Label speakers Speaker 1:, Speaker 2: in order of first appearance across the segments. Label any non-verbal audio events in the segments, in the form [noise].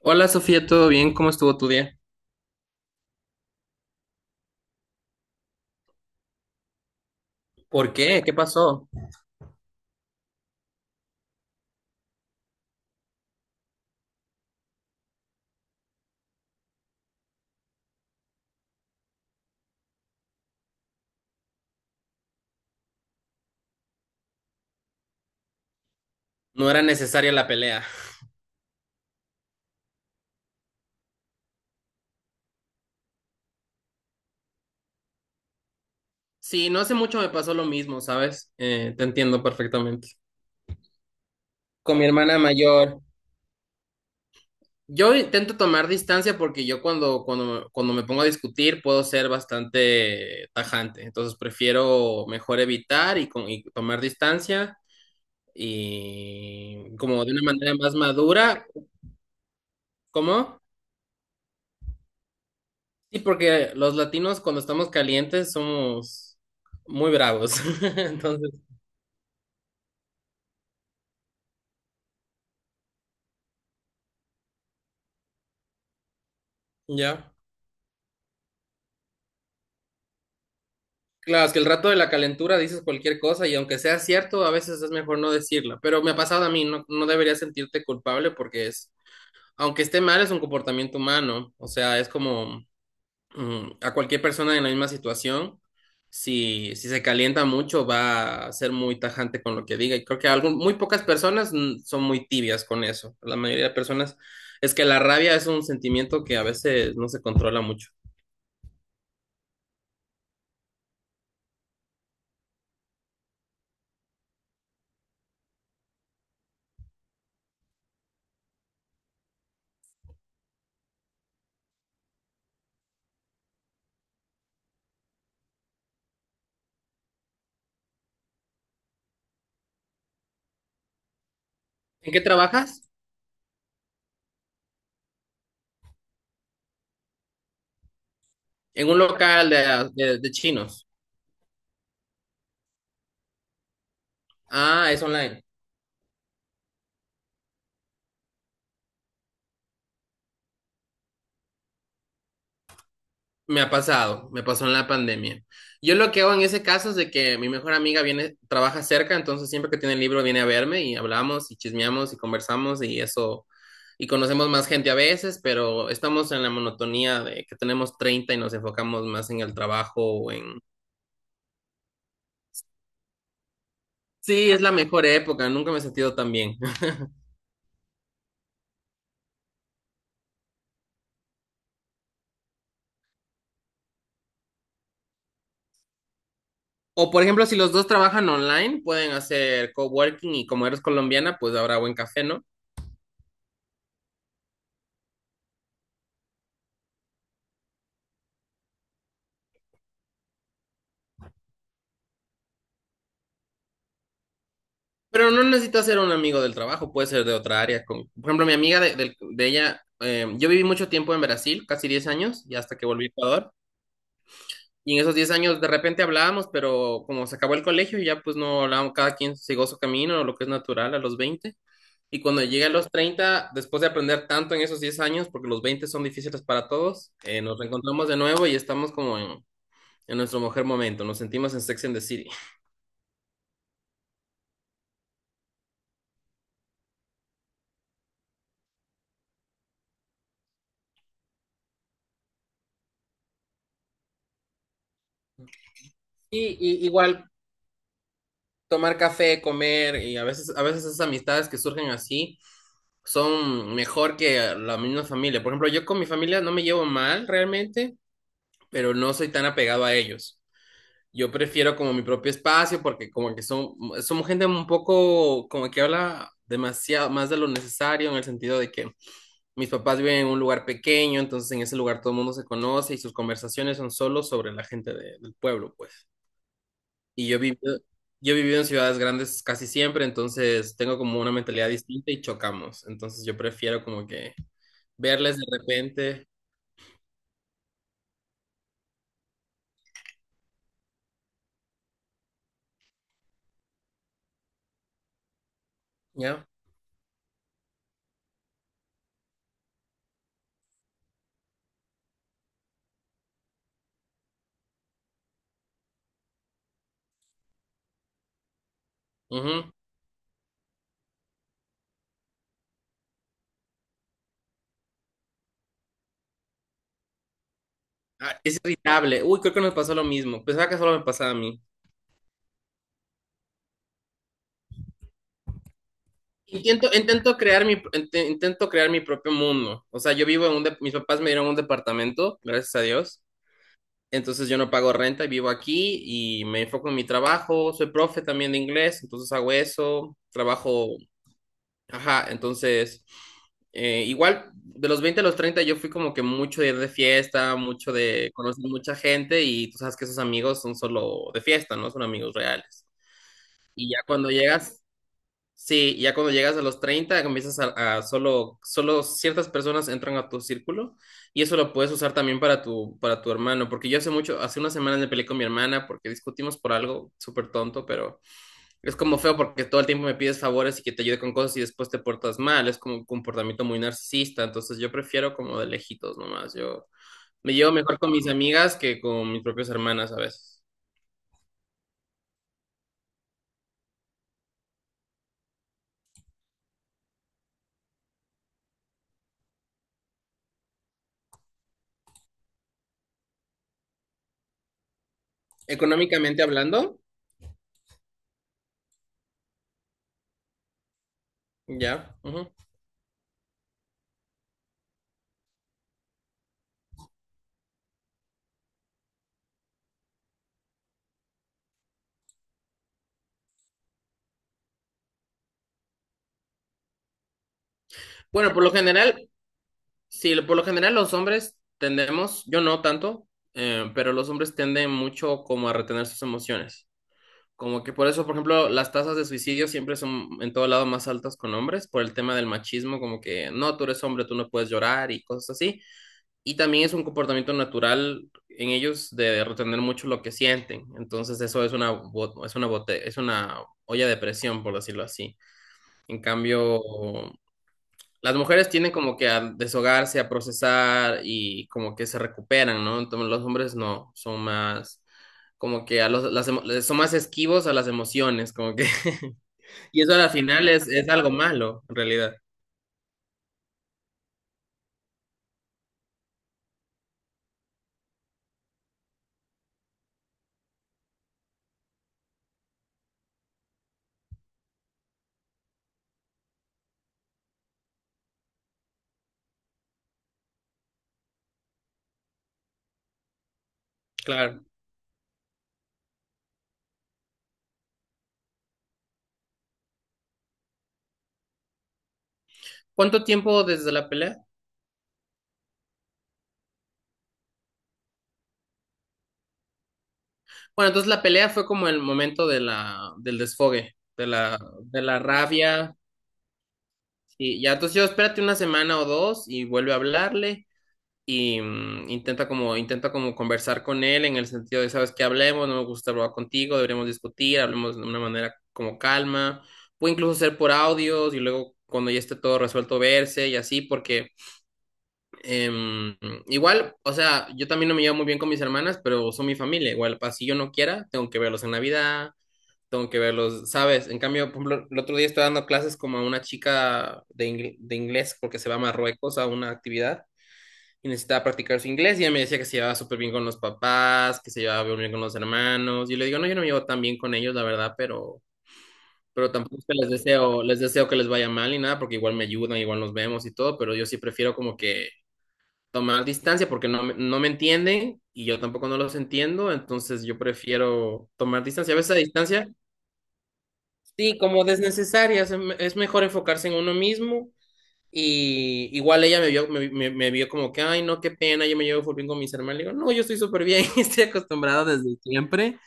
Speaker 1: Hola Sofía, ¿todo bien? ¿Cómo estuvo tu día? ¿Por qué? ¿Qué pasó? No era necesaria la pelea. Sí, no hace mucho me pasó lo mismo, ¿sabes? Te entiendo perfectamente. Con mi hermana mayor. Yo intento tomar distancia porque yo cuando me pongo a discutir puedo ser bastante tajante, entonces prefiero mejor evitar y tomar distancia y como de una manera más madura. ¿Cómo? Sí, porque los latinos cuando estamos calientes somos muy bravos. [laughs] Entonces, ya. Claro, es que el rato de la calentura dices cualquier cosa y aunque sea cierto, a veces es mejor no decirla. Pero me ha pasado a mí, no, no deberías sentirte culpable porque es, aunque esté mal, es un comportamiento humano. O sea, es como a cualquier persona en la misma situación, si se calienta mucho, va a ser muy tajante con lo que diga. Y creo que muy pocas personas son muy tibias con eso. La mayoría de personas es que la rabia es un sentimiento que a veces no se controla mucho. ¿En qué trabajas? En un local de chinos. Ah, es online. Me ha pasado, me pasó en la pandemia. Yo lo que hago en ese caso es de que mi mejor amiga viene, trabaja cerca, entonces siempre que tiene el libro viene a verme y hablamos y chismeamos y conversamos y eso, y conocemos más gente a veces, pero estamos en la monotonía de que tenemos 30 y nos enfocamos más en el trabajo o en... Sí, es la mejor época, nunca me he sentido tan bien. [laughs] O por ejemplo, si los dos trabajan online, pueden hacer coworking y como eres colombiana, pues habrá buen café, ¿no? Pero no necesitas ser un amigo del trabajo, puede ser de otra área. Como- por ejemplo, mi amiga de ella, yo viví mucho tiempo en Brasil, casi 10 años, y hasta que volví a Ecuador. Y en esos 10 años de repente hablábamos, pero como se acabó el colegio, ya pues no hablábamos, cada quien siguió su camino, lo que es natural a los 20. Y cuando llegué a los 30, después de aprender tanto en esos 10 años, porque los 20 son difíciles para todos, nos reencontramos de nuevo y estamos como en nuestro mejor momento, nos sentimos en Sex and the City. Y igual tomar café, comer y a veces esas amistades que surgen así son mejor que la misma familia. Por ejemplo, yo con mi familia no me llevo mal realmente, pero no soy tan apegado a ellos. Yo prefiero como mi propio espacio porque como que somos gente un poco como que habla demasiado más de lo necesario en el sentido de que mis papás viven en un lugar pequeño, entonces en ese lugar todo el mundo se conoce y sus conversaciones son solo sobre la gente del pueblo, pues. Y yo he vivido, yo he vivido en ciudades grandes casi siempre, entonces tengo como una mentalidad distinta y chocamos. Entonces yo prefiero como que verles de repente, ¿ya? Ujú. Ah, es irritable. Uy, creo que nos pasó lo mismo. Pensaba que solo me pasaba a mí. Intento crear mi propio mundo. O sea, yo vivo en mis papás me dieron un departamento, gracias a Dios. Entonces yo no pago renta y vivo aquí y me enfoco en mi trabajo. Soy profe también de inglés, entonces hago eso. Trabajo. Ajá, entonces, igual, de los 20 a los 30 yo fui como que mucho de ir de fiesta, mucho de conocer mucha gente y tú sabes que esos amigos son solo de fiesta, no son amigos reales. Y ya cuando llegas, sí, ya cuando llegas a los 30 comienzas a solo ciertas personas entran a tu círculo y eso lo puedes usar también para tu hermano, porque yo hace mucho, hace unas semanas me peleé con mi hermana porque discutimos por algo súper tonto, pero... Es como feo porque todo el tiempo me pides favores y que te ayude con cosas y después te portas mal. Es como un comportamiento muy narcisista. Entonces yo prefiero como de lejitos nomás. Yo me llevo mejor con mis amigas que con mis propias hermanas a veces. Económicamente hablando, ya. Ujú. Bueno, por lo general, sí, por lo general los hombres tendemos, yo no tanto, pero los hombres tienden mucho como a retener sus emociones. Como que por eso, por ejemplo, las tasas de suicidio siempre son en todo lado más altas con hombres, por el tema del machismo, como que no, tú eres hombre, tú no puedes llorar y cosas así. Y también es un comportamiento natural en ellos de retener mucho lo que sienten. Entonces eso es una, es una olla de presión, por decirlo así. En cambio, las mujeres tienen como que a deshogarse, a procesar y como que se recuperan, ¿no? Entonces los hombres no, son más como que a los, las, emo- son más esquivos a las emociones, como que... [laughs] Y eso al final es algo malo, en realidad. Claro. ¿Cuánto tiempo desde la pelea? Bueno, entonces la pelea fue como el momento del desfogue, de la rabia. Y ya, entonces yo espérate una semana o dos y vuelve a hablarle. Y intenta como conversar con él en el sentido de, sabes que hablemos, no me gusta hablar contigo, deberíamos discutir, hablemos de una manera como calma, puede incluso ser por audios y luego cuando ya esté todo resuelto verse y así, porque em, igual, o sea, yo también no me llevo muy bien con mis hermanas, pero son mi familia, igual, así yo no quiera, tengo que verlos en Navidad. Tengo que verlos, ¿sabes? En cambio, por ejemplo, el otro día estoy dando clases como a una chica de, de inglés porque se va a Marruecos a una actividad y necesitaba practicar su inglés y ella me decía que se llevaba súper bien con los papás, que se llevaba muy bien con los hermanos. Y yo le digo, no, yo no me llevo tan bien con ellos, la verdad, pero tampoco es que les deseo que les vaya mal ni nada, porque igual me ayudan, igual nos vemos y todo, pero yo sí prefiero como que tomar distancia porque no, no me entienden y yo tampoco no los entiendo, entonces yo prefiero tomar distancia. A veces a distancia, sí, como desnecesaria, es mejor enfocarse en uno mismo y igual ella me vio, me, me vio como que, ay, no, qué pena, yo me llevo full bien con mis hermanos. Le digo, no, yo estoy súper bien, [laughs] estoy acostumbrado desde siempre.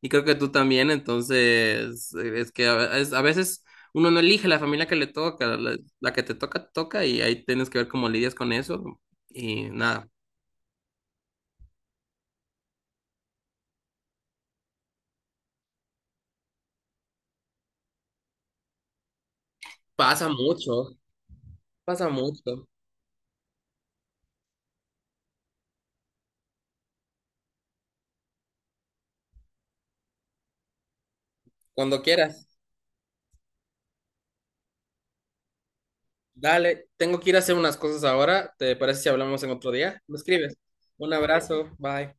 Speaker 1: Y creo que tú también, entonces, es que a veces uno no elige la familia que le toca, la que te toca, y ahí tienes que ver cómo lidias con eso. Y nada, pasa mucho, pasa mucho. Cuando quieras, dale, tengo que ir a hacer unas cosas ahora. ¿Te parece si hablamos en otro día? Me escribes. Un abrazo, bye.